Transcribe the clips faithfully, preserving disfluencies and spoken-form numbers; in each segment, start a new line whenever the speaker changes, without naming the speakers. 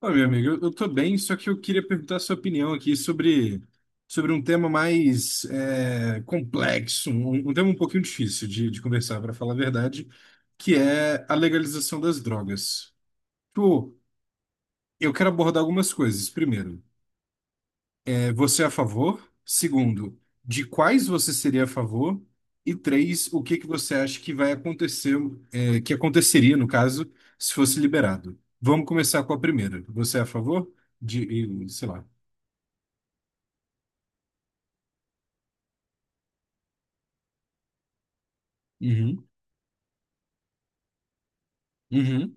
Ô, meu amigo, eu eu tô bem, só que eu queria perguntar a sua opinião aqui sobre, sobre um tema mais é, complexo, um, um tema um pouquinho difícil de, de conversar, para falar a verdade, que é a legalização das drogas. Tipo, eu quero abordar algumas coisas. Primeiro, é, você é a favor? Segundo, de quais você seria a favor? E três, o que que você acha que vai acontecer, é, que aconteceria, no caso, se fosse liberado? Vamos começar com a primeira. Você é a favor? De, e, sei lá. Uhum, uhum,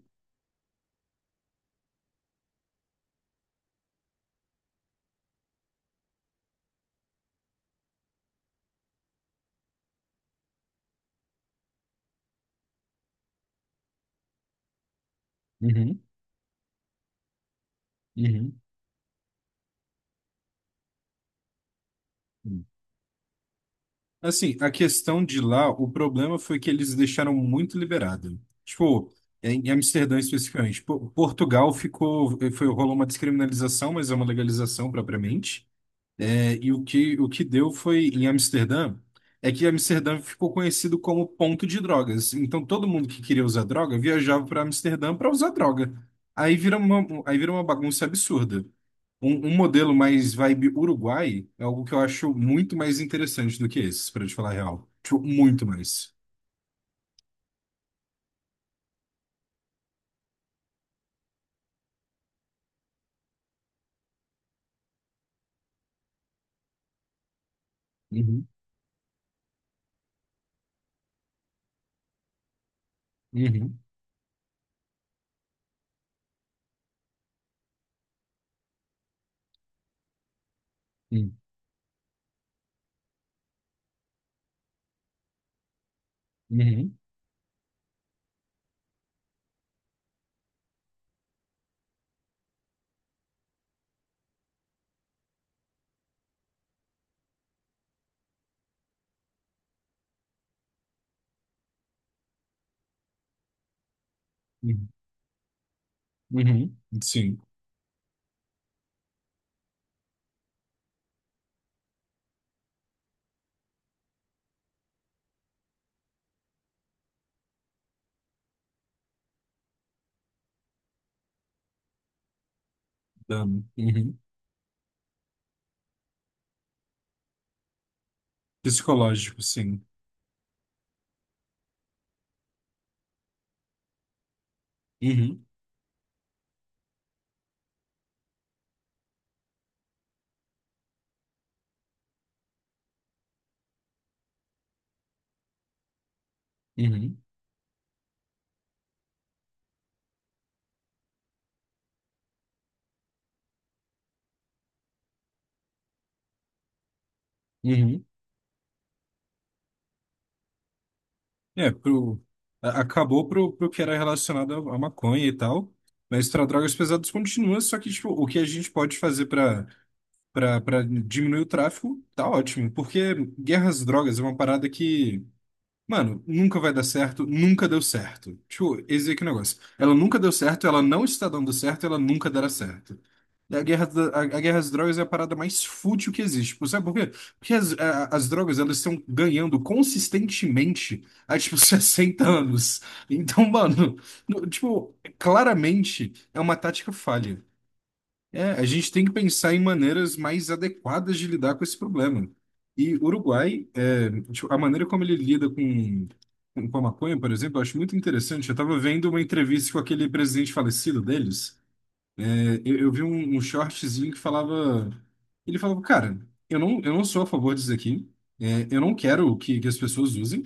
uhum, uhum, uhum. Assim, a questão de lá, o problema foi que eles deixaram muito liberado. Tipo, em Amsterdã especificamente. Po- Portugal ficou, foi, rolou uma descriminalização, mas é uma legalização propriamente. E o que, o que deu foi em Amsterdã, é que Amsterdã ficou conhecido como ponto de drogas. Então todo mundo que queria usar droga viajava para Amsterdã para usar droga. Aí vira uma, aí vira uma bagunça absurda. Um, um modelo mais vibe Uruguai é algo que eu acho muito mais interessante do que esse, para te falar a real. Tipo, muito mais. Uhum, uhum, uhum, uhum, uhum, uhum. Sim, dano. Uhum. Psicológico, sim. Uhum, uhum, uhum. É, pro, a- acabou pro, pro que era relacionado à à maconha e tal, mas para drogas pesadas continua, só que tipo, o que a gente pode fazer para para diminuir o tráfico tá ótimo, porque guerras às drogas é uma parada que. Mano, nunca vai dar certo, nunca deu certo. Tipo, esse aqui é o negócio. Ela nunca deu certo, ela não está dando certo, ela nunca dará certo. A guerra, da- a, a guerra às drogas é a parada mais fútil que existe. Tipo, sabe por quê? Porque as, a- as drogas, elas estão ganhando consistentemente há, tipo, sessenta anos. Então, mano, no- tipo, claramente é uma tática falha. É, a gente tem que pensar em maneiras mais adequadas de lidar com esse problema. E o Uruguai, é, tipo, a maneira como ele lida com, com a maconha, por exemplo, eu acho muito interessante. Eu estava vendo uma entrevista com aquele presidente falecido deles. É, eu, eu vi um, um shortzinho que falava. Ele falava, cara, eu não, eu não sou a favor disso aqui. É, eu não quero que, que as pessoas usem.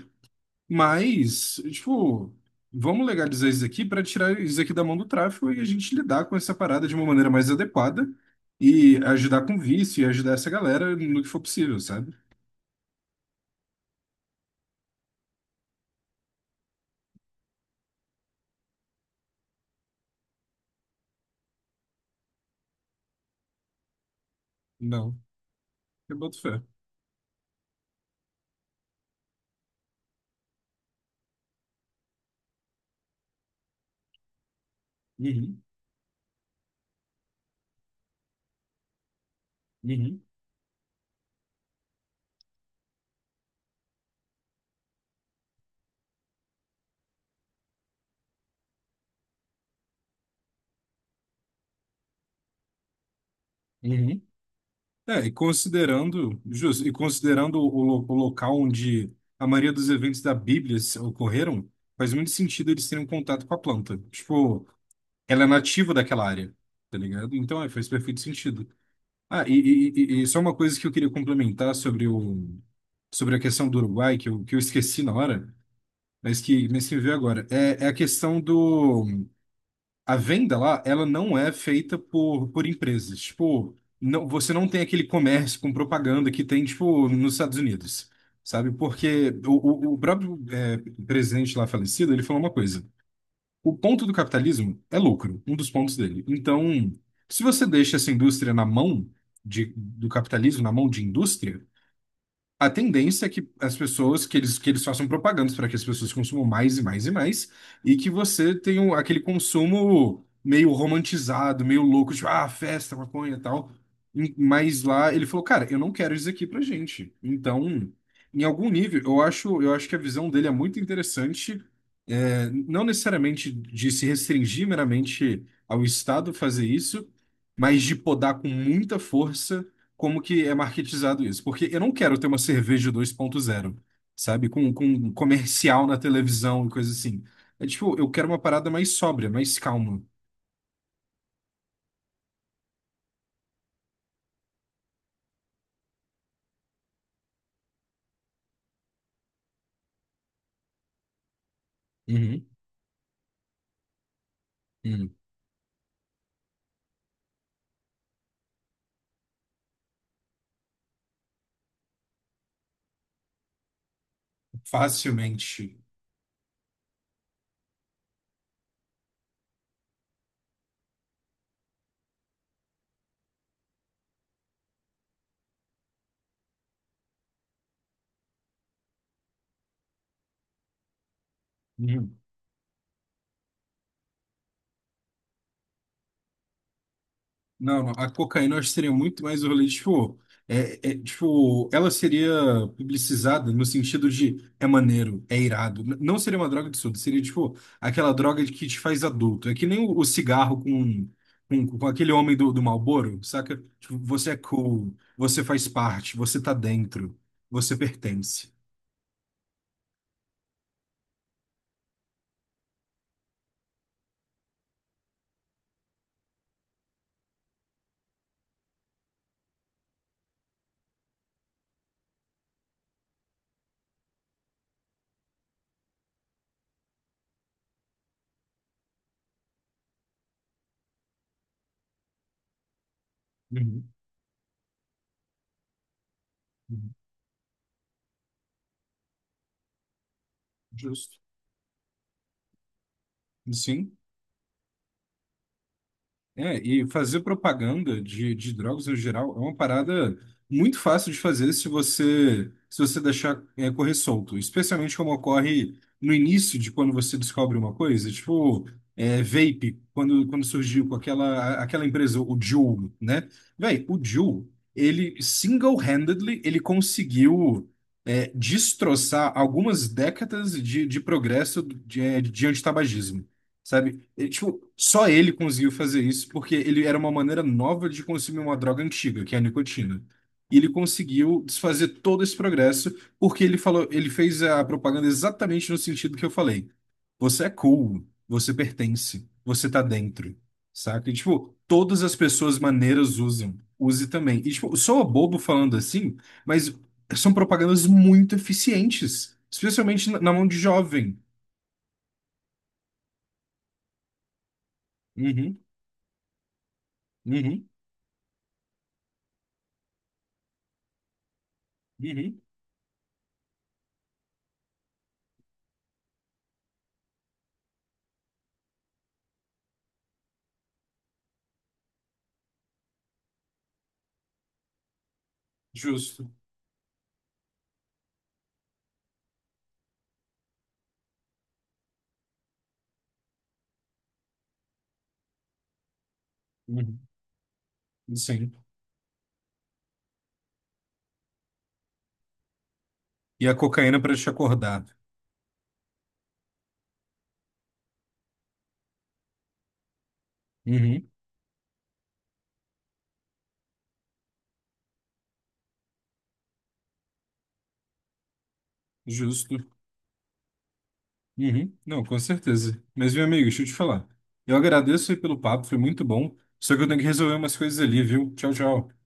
Mas, tipo, vamos legalizar isso aqui para tirar isso aqui da mão do tráfico e a gente lidar com essa parada de uma maneira mais adequada e ajudar com vício e ajudar essa galera no que for possível, sabe? Não, eu boto fé. Uhum, uhum, uhum. É, e considerando, justo, e considerando o, lo- o local onde a maioria dos eventos da Bíblia se- ocorreram, faz muito sentido eles terem contato com a planta. Tipo, ela é nativa daquela área, tá ligado? Então, é, faz perfeito sentido. Ah, e, e- e- e só uma coisa que eu queria complementar sobre o, sobre a questão do Uruguai, que eu, que eu esqueci na hora, mas que, mas que me veio agora. É, é a questão do... A venda lá, ela não é feita por, por empresas. Tipo, não, você não tem aquele comércio com propaganda que tem, tipo, nos Estados Unidos, sabe? Porque o, o, o próprio é, presidente lá falecido, ele falou uma coisa. O ponto do capitalismo é lucro, um dos pontos dele. Então, se você deixa essa indústria na mão de, do capitalismo, na mão de indústria, a tendência é que as pessoas, que eles, que eles façam propagandas para que as pessoas consumam mais e mais e mais, e que você tenha um- aquele consumo meio romantizado, meio louco, tipo, ah, festa, maconha e tal. E- Mas lá ele falou, cara, eu não quero isso aqui pra gente. Então, em algum nível, eu acho, eu acho que a visão dele é muito interessante, é, não necessariamente de se restringir meramente ao Estado fazer isso, mas de podar com muita força como que é marketizado isso, porque eu não quero ter uma cerveja dois ponto zero, sabe, com, com um comercial na televisão e coisa assim. É tipo, eu quero uma parada mais sóbria, mais calma. Uhum, uhum. Facilmente. Não, não, a cocaína eu acho que seria muito mais o rolê, tipo, é, é, tipo, ela seria publicizada no sentido de é maneiro, é irado. N- Não seria uma droga de surdo, seria tipo aquela droga de que te faz adulto. É que nem o, o cigarro com, com, com aquele homem do, do Marlboro, saca? Tipo, você é cool, você faz parte, você tá dentro, você pertence. Uhum, uhum. Justo. Sim. É, e fazer propaganda de, de drogas no geral é uma parada muito fácil de fazer se você se você deixar é, correr solto, especialmente como ocorre no início de quando você descobre uma coisa, tipo é, vape, quando, quando surgiu com aquela, aquela empresa, o Juul, né? Véi, o Juul, ele single-handedly, ele conseguiu é, destroçar algumas décadas de, de progresso de, de antitabagismo. Sabe? E, tipo, só ele conseguiu fazer isso porque ele era uma maneira nova de consumir uma droga antiga, que é a nicotina. E ele conseguiu desfazer todo esse progresso porque ele falou, ele fez a propaganda exatamente no sentido que eu falei. Você é cool, você pertence, você tá dentro, saca? E, tipo, todas as pessoas maneiras usam, use também. E, tipo, sou bobo falando assim, mas são propagandas muito eficientes, especialmente na na mão de jovem. Uhum, uhum, uhum. Justo. Uhum. Sim. E a cocaína para te acordar. Uhum. Justo. Uhum. Não, com certeza. Mas, meu amigo, deixa eu te falar. Eu agradeço aí pelo papo, foi muito bom. Só que eu tenho que resolver umas coisas ali, viu? Tchau, tchau.